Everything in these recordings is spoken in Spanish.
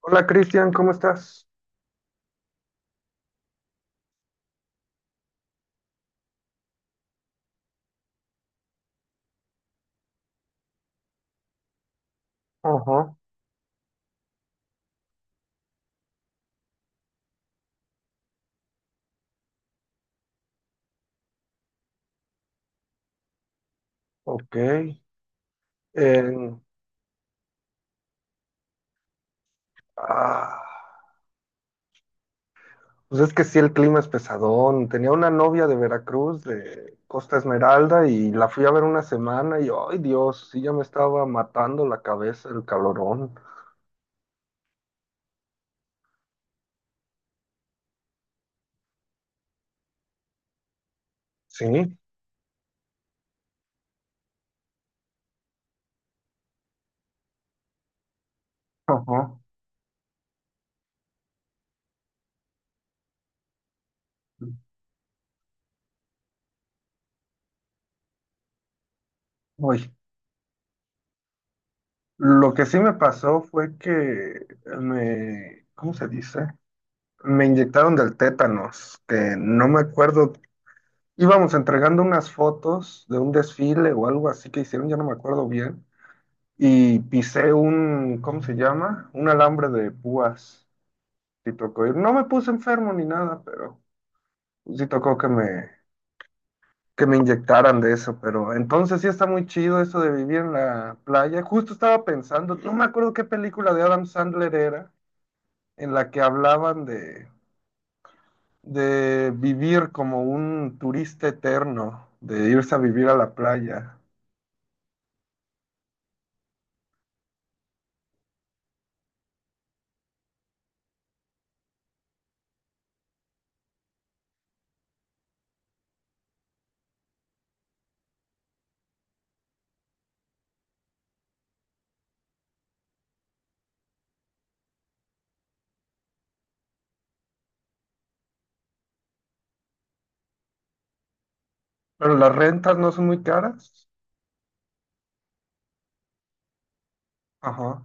Hola, Cristian, ¿cómo estás? Ajá, ok. En- ah, pues es que sí, el clima es pesadón. Tenía una novia de Veracruz, de Costa Esmeralda, y la fui a ver una semana y, ay Dios, sí ya me estaba matando la cabeza el calorón. Sí, ajá. Uy, lo que sí me pasó fue que me, ¿cómo se dice? Me inyectaron del tétanos, que no me acuerdo, íbamos entregando unas fotos de un desfile o algo así que hicieron, ya no me acuerdo bien, y pisé un, ¿cómo se llama? Un alambre de púas. Sí tocó ir. No me puse enfermo ni nada, pero sí tocó que me inyectaran de eso, pero entonces sí está muy chido eso de vivir en la playa. Justo estaba pensando, no me acuerdo qué película de Adam Sandler era, en la que hablaban de vivir como un turista eterno, de irse a vivir a la playa. Pero las rentas no son muy caras. Ajá.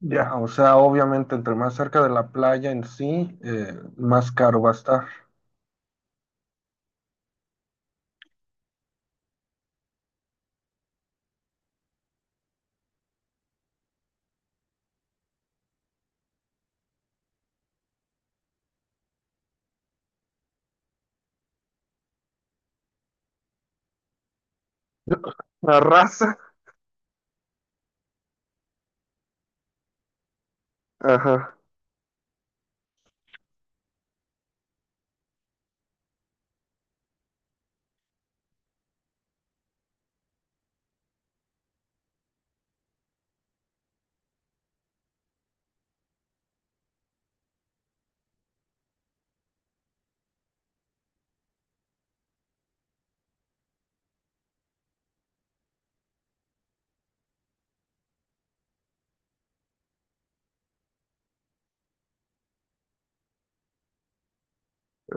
Ya, o sea, obviamente entre más cerca de la playa en sí, más caro va a estar. La raza. Ajá.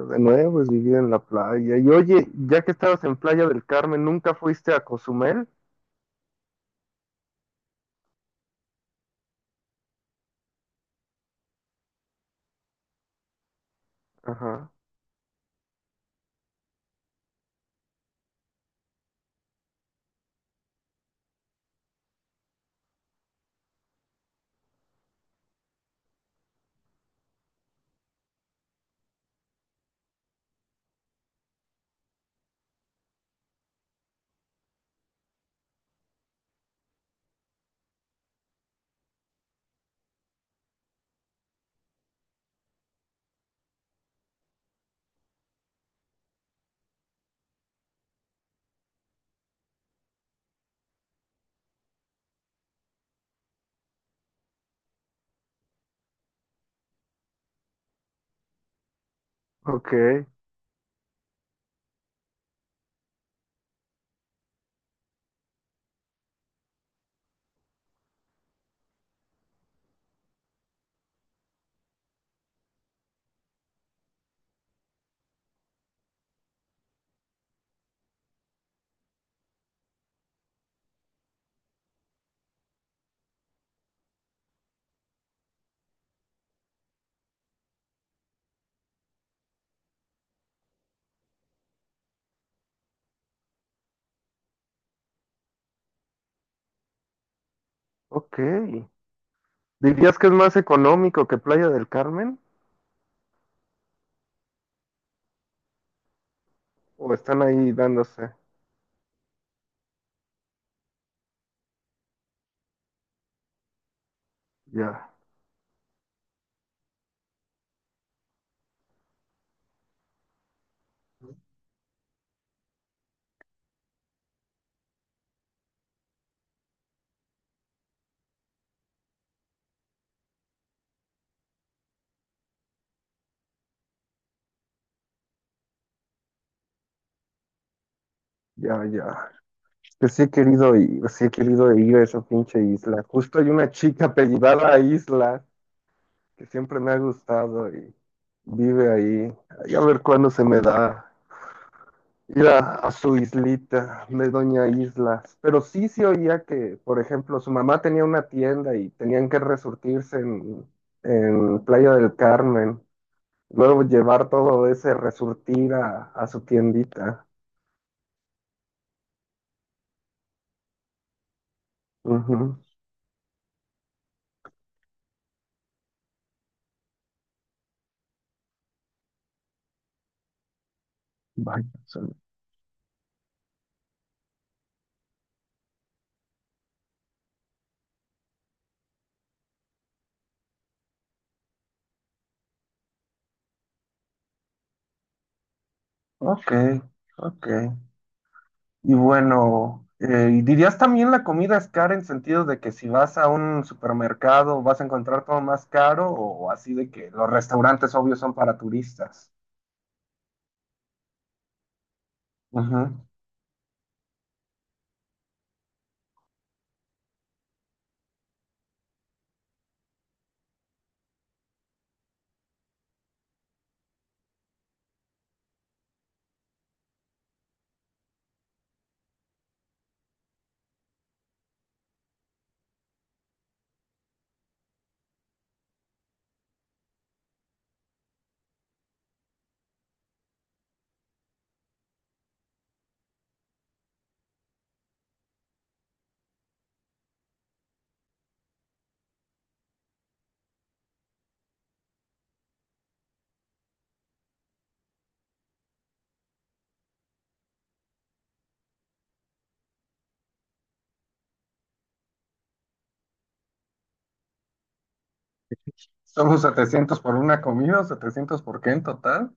De nuevo es vivir en la playa. Y oye, ya que estabas en Playa del Carmen, ¿nunca fuiste a Cozumel? Ajá. Ok, ok. ¿Dirías que es más económico que Playa del Carmen? ¿O están ahí dándose? Ya, ya, ya, que sí he querido ir, sí he querido ir a esa pinche isla. Justo hay una chica apellidada a Isla que siempre me ha gustado y vive ahí. Y a ver cuándo se me da ir a su islita de Doña Islas. Pero sí se oía que, por ejemplo, su mamá tenía una tienda y tenían que resurtirse en Playa del Carmen. Luego llevar todo ese resurtir a su tiendita. Ujú. Vaya, son- ok, ok. Y bueno, ¿y dirías también la comida es cara en sentido de que si vas a un supermercado vas a encontrar todo más caro o así de que los restaurantes obvios son para turistas? Ujú. ¿Son los 700 por una comida o 700 por qué en total?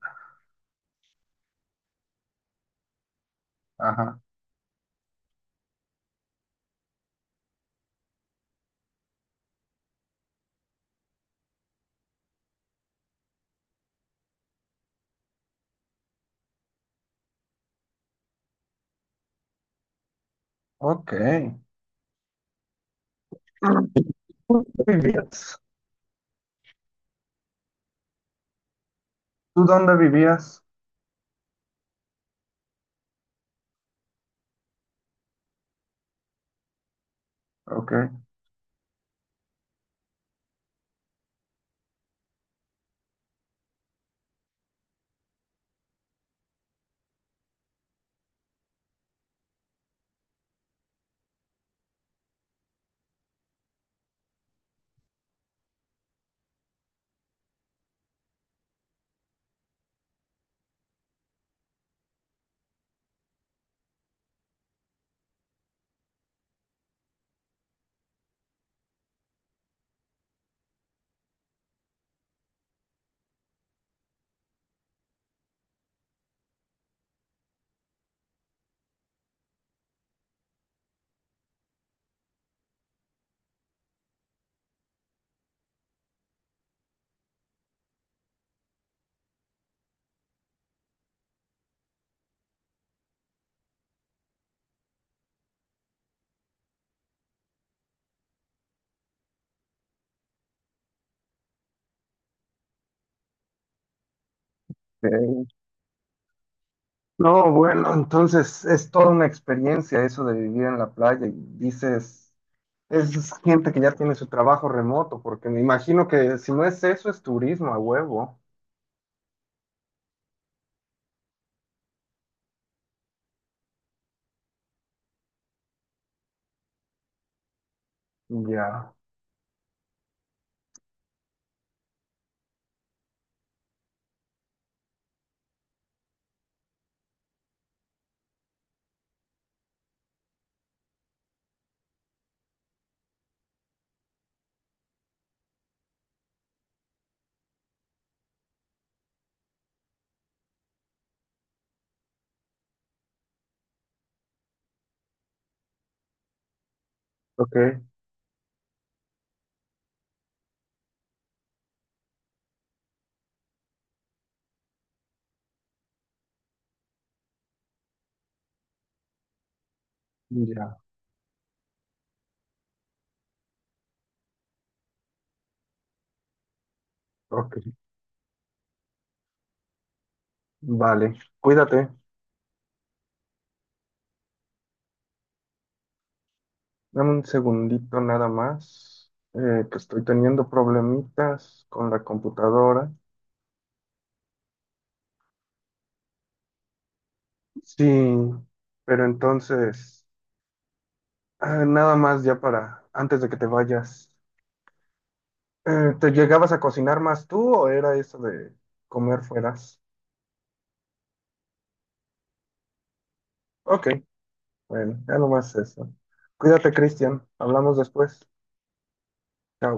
Ajá. Ok. ¿Dónde vivías? ¿Tú dónde vivías? Ok. Ok. No, bueno, entonces es toda una experiencia eso de vivir en la playa y dices... Es gente que ya tiene su trabajo remoto, porque me imagino que si no es eso, es turismo a huevo. Ya, ok, ya, ok, vale. Cuídate, dame un segundito nada más, que estoy teniendo problemitas con la computadora. Sí, pero entonces, ah, nada más ya para, antes de que te vayas, ¿te llegabas a cocinar más tú o era eso de comer fueras? Ok. Bueno, ya nomás eso. Cuídate, Cristian. Hablamos después. Chao.